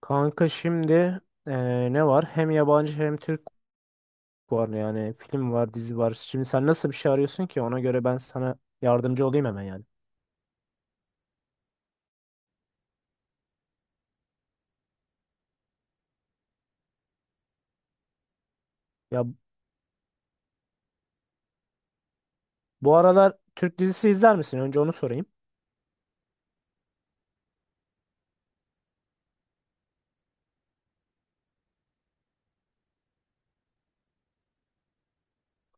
Kanka şimdi ne var? Hem yabancı hem Türk var, yani film var, dizi var. Şimdi sen nasıl bir şey arıyorsun ki? Ona göre ben sana yardımcı olayım hemen yani. Ya bu aralar Türk dizisi izler misin? Önce onu sorayım.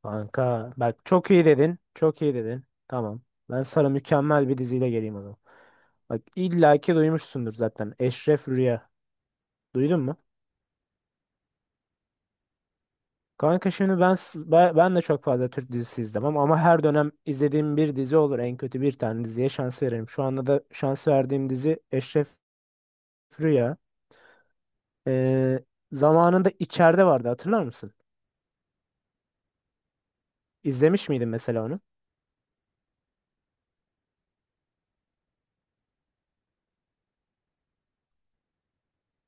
Kanka bak çok iyi dedin. Çok iyi dedin. Tamam. Ben sana mükemmel bir diziyle geleyim o zaman. Bak illaki duymuşsundur zaten. Eşref Rüya. Duydun mu? Kanka şimdi ben, s- ben ben de çok fazla Türk dizisi izlemem ama her dönem izlediğim bir dizi olur. En kötü bir tane diziye şans veririm. Şu anda da şans verdiğim dizi Eşref Rüya. Ee, Zamanında içeride vardı, hatırlar mısın? İzlemiş miydin mesela onu?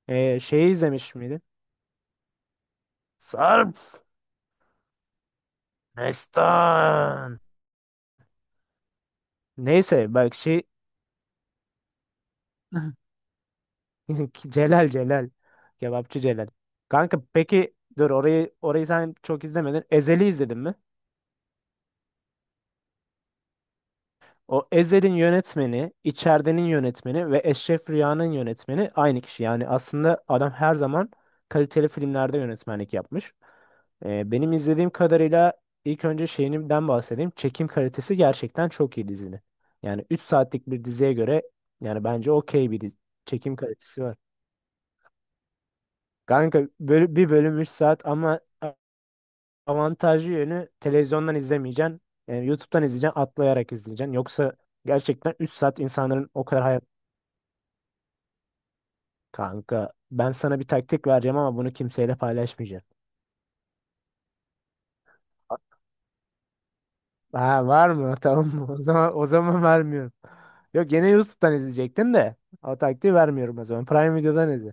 Şeyi izlemiş miydin? Sarp Destan. Neyse bak şey Celal. Kebapçı Celal. Kanka peki dur, orayı sen çok izlemedin. Ezel'i izledin mi? O Ezel'in yönetmeni, İçeride'nin yönetmeni ve Eşref Rüya'nın yönetmeni aynı kişi. Yani aslında adam her zaman kaliteli filmlerde yönetmenlik yapmış. Benim izlediğim kadarıyla ilk önce şeyinden bahsedeyim. Çekim kalitesi gerçekten çok iyi dizinin. Yani 3 saatlik bir diziye göre yani bence okey bir çekim kalitesi var. Kanka bir bölüm 3 saat, ama avantajlı yönü televizyondan izlemeyeceksin. Yani YouTube'dan izleyeceksin, atlayarak izleyeceksin. Yoksa gerçekten 3 saat insanların o kadar... Kanka ben sana bir taktik vereceğim ama bunu kimseyle paylaşmayacağım. Ha, var mı? Tamam mı? O zaman vermiyorum. Yok, gene YouTube'dan izleyecektin de o taktiği vermiyorum o zaman. Prime Video'dan izle.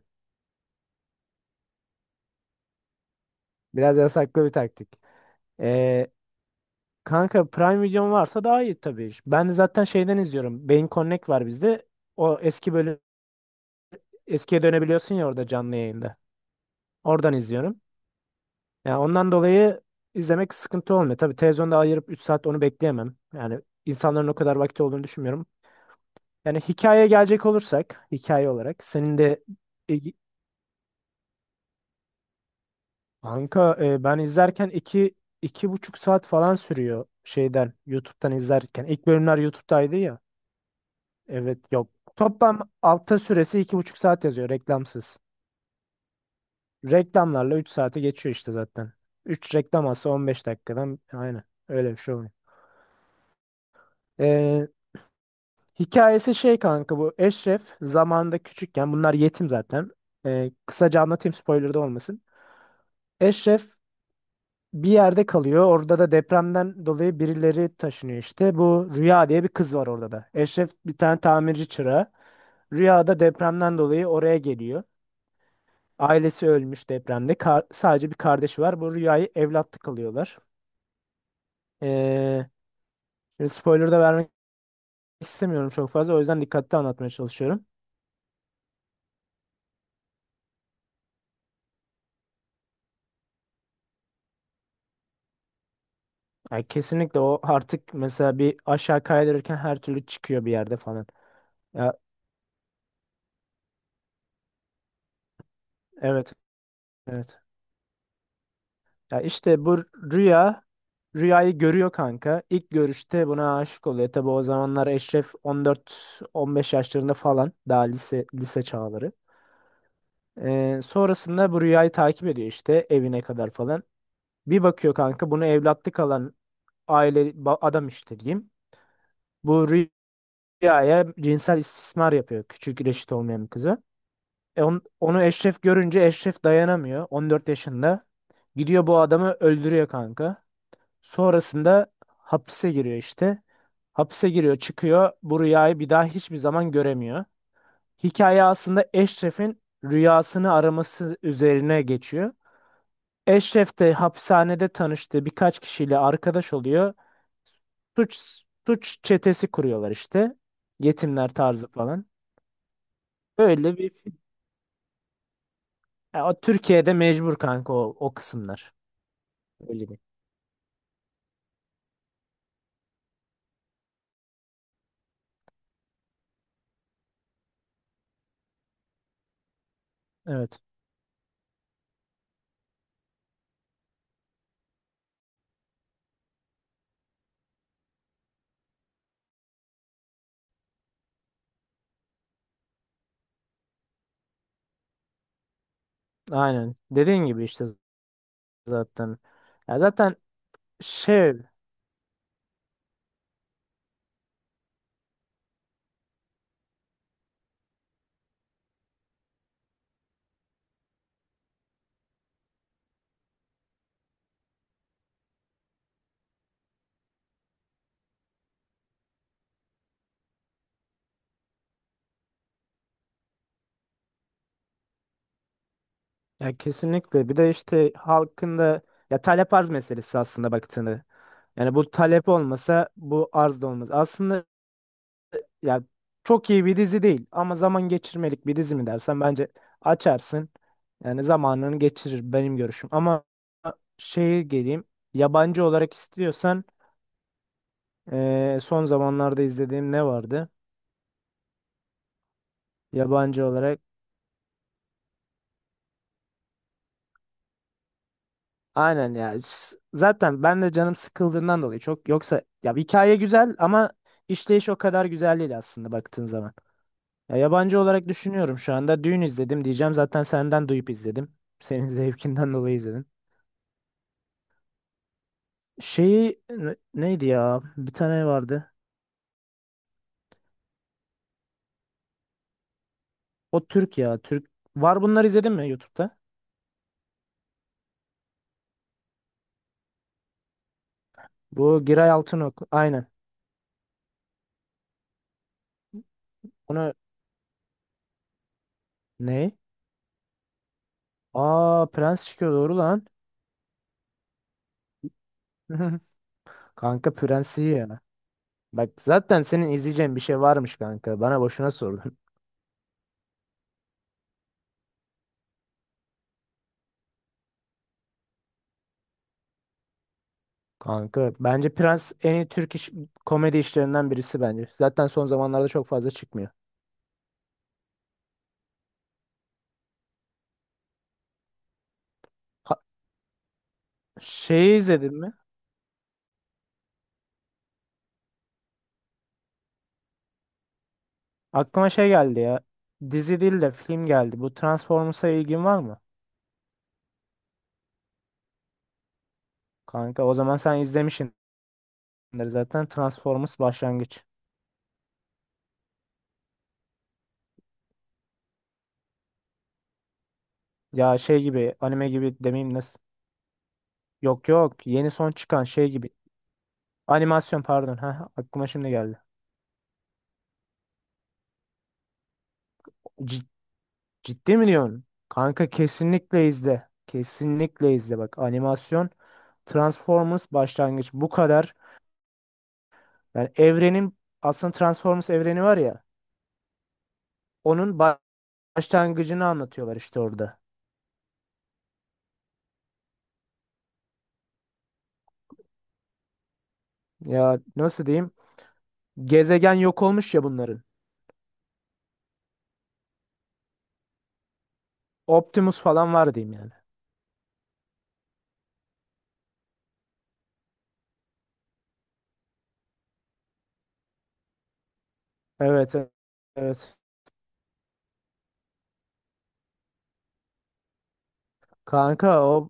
Biraz yasaklı bir taktik. Ee, Kanka Prime Video'm varsa daha iyi tabii. Ben de zaten şeyden izliyorum. Beyin Connect var bizde. O eski bölüm, eskiye dönebiliyorsun ya orada canlı yayında. Oradan izliyorum. Yani ondan dolayı izlemek sıkıntı olmuyor. Tabii televizyonda ayırıp 3 saat onu bekleyemem. Yani insanların o kadar vakti olduğunu düşünmüyorum. Yani hikayeye gelecek olursak, hikaye olarak senin de e, kanka ben izlerken iki buçuk saat falan sürüyor şeyden, YouTube'dan izlerken. İlk bölümler YouTube'daydı ya. Evet, yok. Toplam altta süresi 2,5 saat yazıyor reklamsız. Reklamlarla 3 saate geçiyor işte zaten. 3 reklam alsa 15 dakikadan aynen öyle bir şey oluyor. E, Hikayesi şey kanka, bu Eşref zamanında küçükken bunlar yetim zaten. Kısaca anlatayım, spoiler da olmasın. Eşref bir yerde kalıyor. Orada da depremden dolayı birileri taşınıyor işte. Bu Rüya diye bir kız var orada da. Eşref bir tane tamirci çırağı. Rüya da depremden dolayı oraya geliyor. Ailesi ölmüş depremde. Sadece bir kardeşi var. Bu Rüya'yı evlatlık alıyorlar. Ee, Spoiler da vermek istemiyorum çok fazla. O yüzden dikkatli anlatmaya çalışıyorum. Yani kesinlikle o artık mesela bir aşağı kaydırırken her türlü çıkıyor bir yerde falan. Ya, evet. Evet. Ya işte bu rüya rüyayı görüyor kanka. İlk görüşte buna aşık oluyor. Tabi o zamanlar Eşref 14-15 yaşlarında falan, daha lise çağları. Sonrasında bu rüyayı takip ediyor işte evine kadar falan. Bir bakıyor kanka, bunu evlatlık alan aile adam işte diyeyim. Bu rüyaya cinsel istismar yapıyor, küçük reşit olmayan bir kızı. Onu Eşref görünce Eşref dayanamıyor 14 yaşında. Gidiyor bu adamı öldürüyor kanka. Sonrasında hapise giriyor işte. Hapise giriyor, çıkıyor. Bu rüyayı bir daha hiçbir zaman göremiyor. Hikaye aslında Eşref'in rüyasını araması üzerine geçiyor. Eşref de hapishanede tanıştığı birkaç kişiyle arkadaş oluyor. Suç Suç çetesi kuruyorlar işte. Yetimler tarzı falan. Öyle bir... Ya, o Türkiye'de mecbur kanka o kısımlar. Öyle değil. Evet. Aynen. Dediğin gibi işte zaten. Ya zaten şey... Ya kesinlikle. Bir de işte halkın da ya talep arz meselesi aslında baktığında. Yani bu talep olmasa bu arz da olmaz. Aslında ya çok iyi bir dizi değil ama zaman geçirmelik bir dizi mi dersen, bence açarsın. Yani zamanını geçirir, benim görüşüm. Ama şeye geleyim. Yabancı olarak istiyorsan son zamanlarda izlediğim ne vardı? Yabancı olarak... Aynen ya. Zaten ben de canım sıkıldığından dolayı çok, yoksa ya hikaye güzel ama işleyiş o kadar güzel değil aslında baktığın zaman. Ya yabancı olarak düşünüyorum şu anda. Dün izledim diyeceğim. Zaten senden duyup izledim. Senin zevkinden dolayı izledim. Şeyi neydi ya? Bir tane vardı. O Türk ya. Türk. Var, bunları izledin mi YouTube'da? Bu Giray Altınok. Aynen. Onu ne? Aa, Prens çıkıyor doğru lan. Kanka Prens iyi ya. Bak zaten senin izleyeceğin bir şey varmış kanka. Bana boşuna sordun. Kanka bence Prens en iyi Türk komedi işlerinden birisi bence. Zaten son zamanlarda çok fazla çıkmıyor. Ha, şeyi izledin mi? Aklıma şey geldi ya. Dizi değil de film geldi. Bu Transformers'a ilgin var mı? Kanka o zaman sen izlemişsindir zaten, Transformers başlangıç. Ya şey gibi, anime gibi demeyeyim, nasıl? Yok yok, yeni son çıkan şey gibi. Animasyon pardon. Ha, aklıma şimdi geldi. Ciddi mi diyorsun? Kanka kesinlikle izle. Kesinlikle izle. Bak animasyon Transformers başlangıç bu kadar. Yani evrenin aslında Transformers evreni var ya. Onun başlangıcını anlatıyorlar işte orada. Ya nasıl diyeyim? Gezegen yok olmuş ya bunların. Optimus falan var diyeyim yani. Evet evet. Kanka o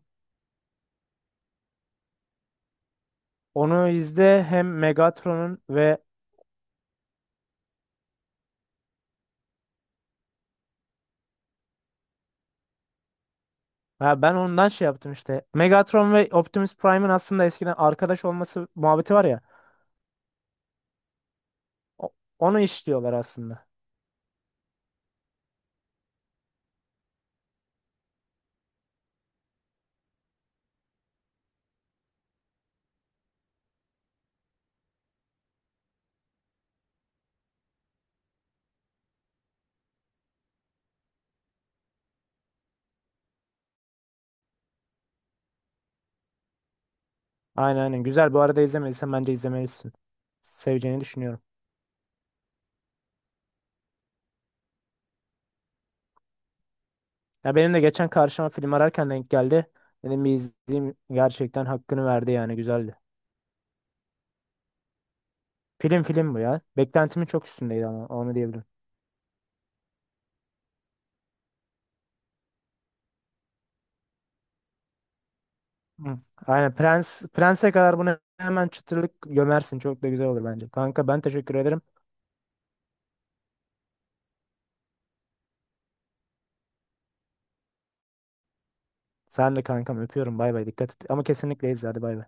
onu izle hem Megatron'un ve... Ha, ben ondan şey yaptım işte. Megatron ve Optimus Prime'ın aslında eskiden arkadaş olması muhabbeti var ya. O- Onu işliyorlar aslında. Aynen. Güzel. Bu arada izlemediysen bence izlemelisin. Seveceğini düşünüyorum. Ya benim de geçen karşıma film ararken denk geldi. Dedim bir izleyeyim. Gerçekten hakkını verdi yani. Güzeldi. Film, bu ya. Beklentimin çok üstündeydi ama onu diyebilirim. Hı. Aynen, Prens'e kadar bunu hemen çıtırlık gömersin. Çok da güzel olur bence. Kanka ben teşekkür ederim. Sen de kankam, öpüyorum. Bay bay. Dikkat et. Ama kesinlikle izle, hadi bay bay.